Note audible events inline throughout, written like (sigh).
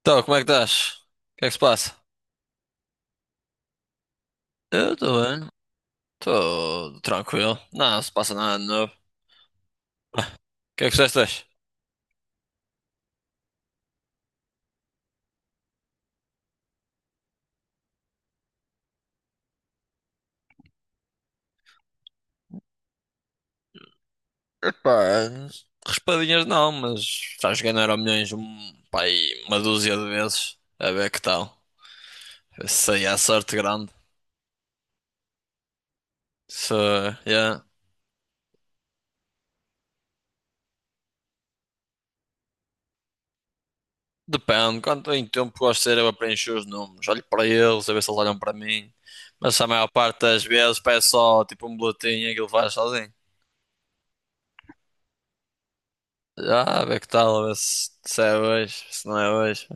Então, como é que estás? O que é que se passa? Eu estou bem, estou tranquilo. Não, não se passa nada de novo. O que é que fizeste hoje? Epá, raspadinhas não, mas já joguei no Euromilhões um, pá, aí uma dúzia de vezes. A ver que tal. Isso aí é sorte grande. Se Yeah. Depende, quanto em tempo gosto de ser eu a preencher os números. Olho para eles, a ver se eles olham para mim. Mas a maior parte das vezes peço só tipo um boletim e aquilo faz sozinho. Já, a ver que tal, a ver se é hoje, se não é hoje.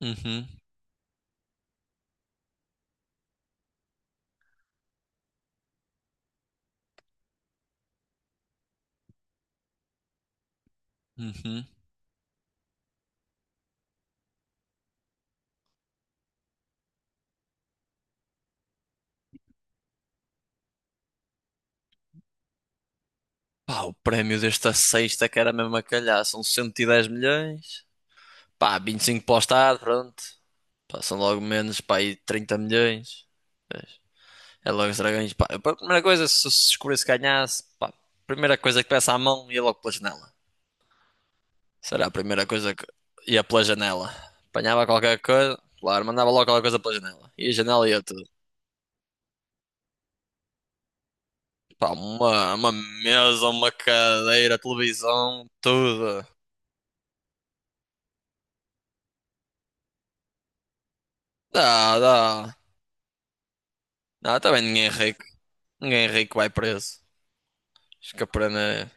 Uhum. Uhum. Pá, o prémio desta sexta que era mesmo a calhar, são 110 milhões. Pá, 25 para o Estado, pronto. Pá, são logo menos, pá, aí 30 milhões. Vês? É logo os dragões, pá. A primeira coisa, se se descobrisse que ganhasse, pá, a primeira coisa que peça à mão ia logo pela janela. Será a primeira coisa que ia pela janela. Apanhava qualquer coisa, claro, mandava logo qualquer coisa pela janela. E a janela ia tudo. Pá, uma mesa, uma cadeira, televisão, tudo. Dá, dá. Não, também ninguém é rico. Ninguém é rico vai preso. Acho que a pena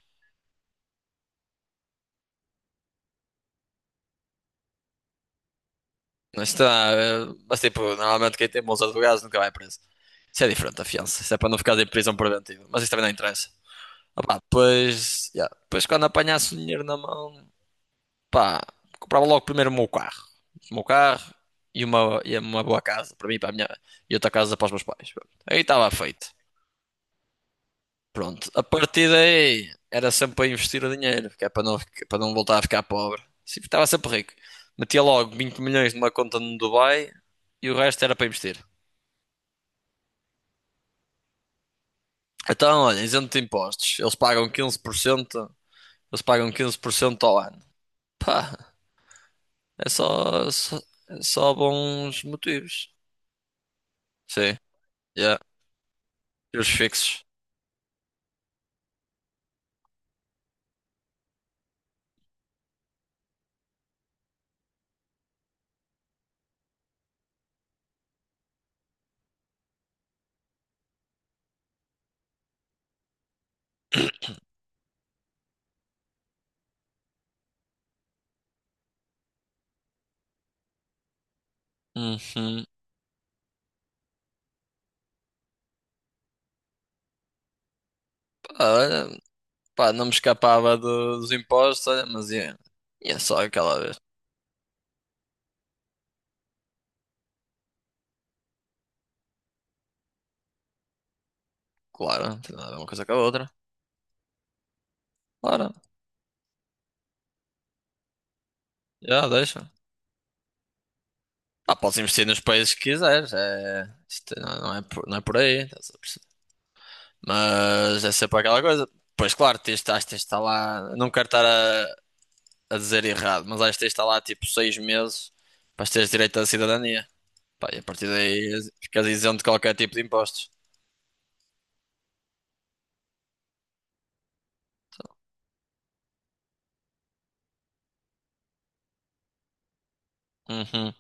não está. Mas tipo, normalmente quem tem bons advogados nunca vai preso. Isso é diferente da fiança. Isso é para não ficar em prisão preventiva. Mas isso também não interessa. Opá, depois, yeah, depois quando apanhasse o dinheiro na mão, pá, comprava logo primeiro o meu carro. O meu carro e uma boa casa para mim, para a minha, e outra casa para os meus pais. Pronto. Aí estava feito. Pronto, a partir daí era sempre para investir o dinheiro, que é para para não voltar a ficar pobre. Sim, estava sempre rico. Metia logo 20 milhões numa conta no Dubai e o resto era para investir. Então, olha, isento de impostos. Eles pagam 15% eles pagam 15% ao ano. Pá, é só, só, é só bons motivos. Sim, yeah. E os fixos. Uhum. Pá, olha, pá, não me escapava dos impostos, olha, mas ia só aquela vez. Claro, não tem nada a ver uma coisa com a outra. Claro, já deixa. Ah, podes investir nos países que quiseres, isto não é por, não é por aí, estás a perceber? Mas é sempre aquela coisa. Pois claro, acho que tens de estar lá, não quero estar a dizer errado, mas acho que tens de estar lá tipo 6 meses para teres direito à cidadania. Pá, e a partir daí ficas isento de qualquer tipo de impostos. Uhum.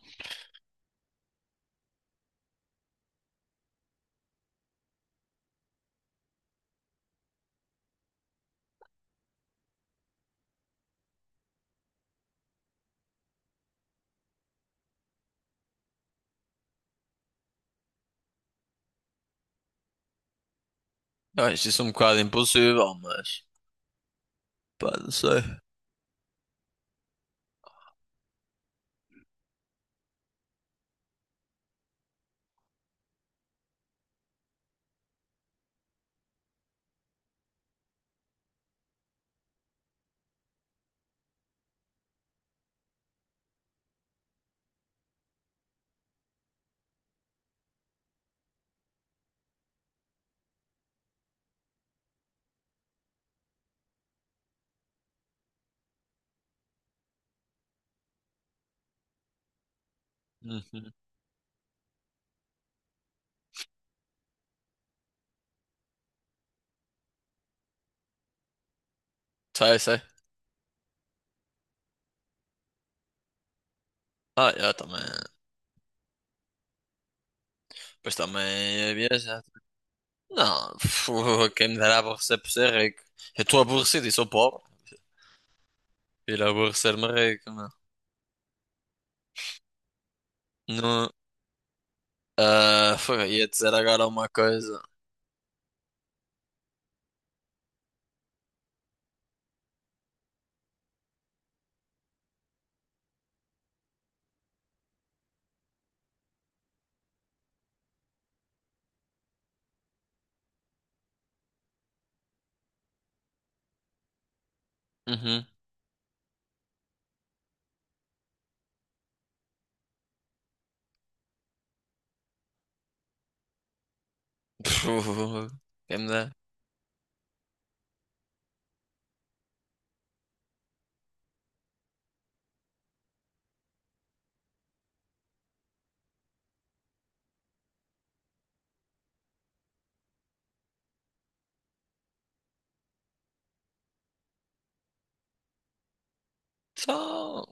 Eu acho isso um bocado impossível, mas pá, não sei. Uhum. Sei, sei. Ah, eu também. Pois também ia viajar. Não. (laughs) Quem me dera aborrecer por ser rico. Eu estou aborrecido e sou pobre. Ir aborrecer-me rico, não. Não, ah, ia dizer agora uma coisa. Uhum. (laughs) Quem me dera. Só,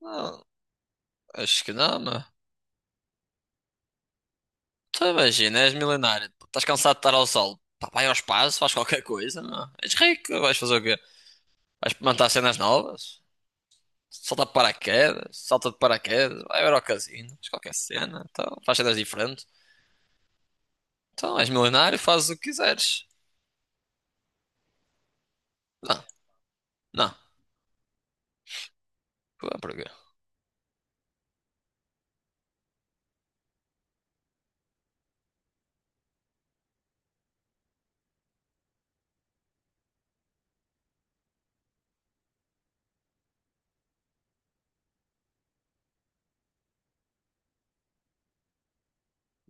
não, acho que não, meu. Tu imagina, és milionário. Pô, estás cansado de estar ao sol. Pá, vai ao espaço, faz qualquer coisa, meu. És rico, vais fazer o quê? Vais experimentar cenas novas? Salta de paraquedas, vai ver ao casino, faz qualquer cena, então, faz cenas diferentes. Então, és milionário, fazes o que quiseres. Não, não. Ué, porquê?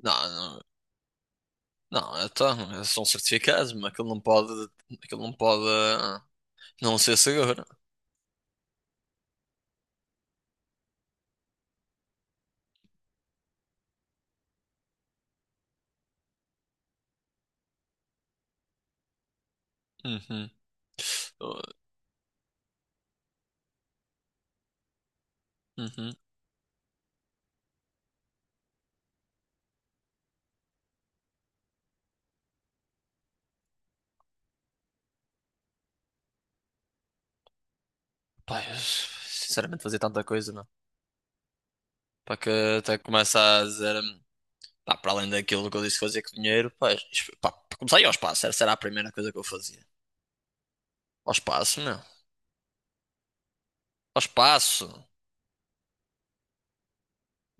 Não, não. Não, então, são certificados, mas aquilo não pode ah, não ser seguro. Uhum. Uh, Uhum. Pá, eu, sinceramente, fazer tanta coisa, não. Para que até começa a dizer, pá, para além daquilo que eu disse que fazia com dinheiro, pá, pá, para começar a ir ao espaço, essa era a primeira coisa que eu fazia. Ao espaço, meu. Ao espaço.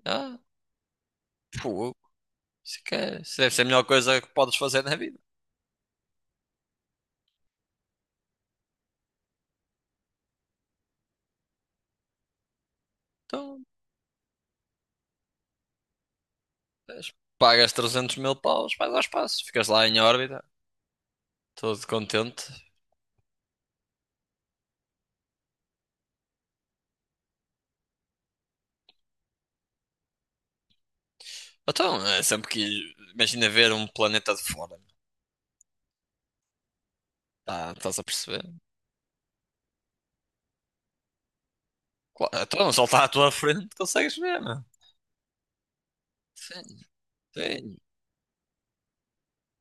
Ah, pô, isso deve ser a melhor coisa que podes fazer na vida. Então, pagas 300 mil paus, vais ao espaço, ficas lá em órbita, todo contente. Então, é sempre que imagina ver um planeta de fora, meu. Tá, estás a perceber? Claro, então, só está à tua frente, consegues ver, meu. Sim, sim.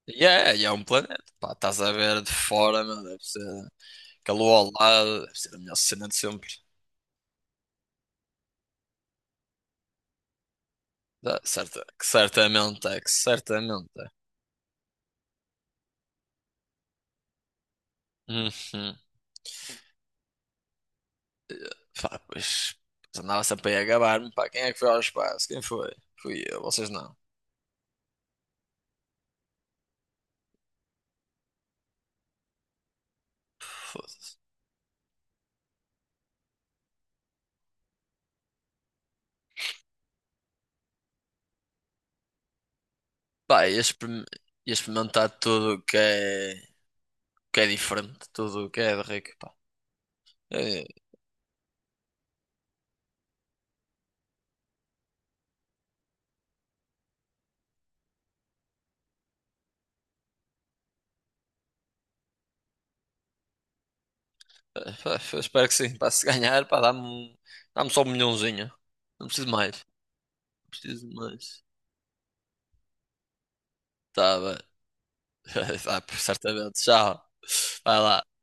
E é um planeta, pá, estás a ver de fora, meu, deve ser. Que a lua ao lado, deve ser a melhor cena de sempre. Dá, certa, que certamente é. Uhum. Pá, pois andava sempre aí a gabar-me, pá, quem é que foi ao espaço? Quem foi? Fui eu, vocês não. Foda-se. Pá, ia experimentar tudo o que é, diferente, tudo o que é de rico, pá. É, é, pá, espero que sim, pá, se ganhar, pá, dá-me só um milhãozinho. Não preciso de mais, não preciso de mais. Tá bem. (laughs) Tá, certamente, tchau. Vai lá.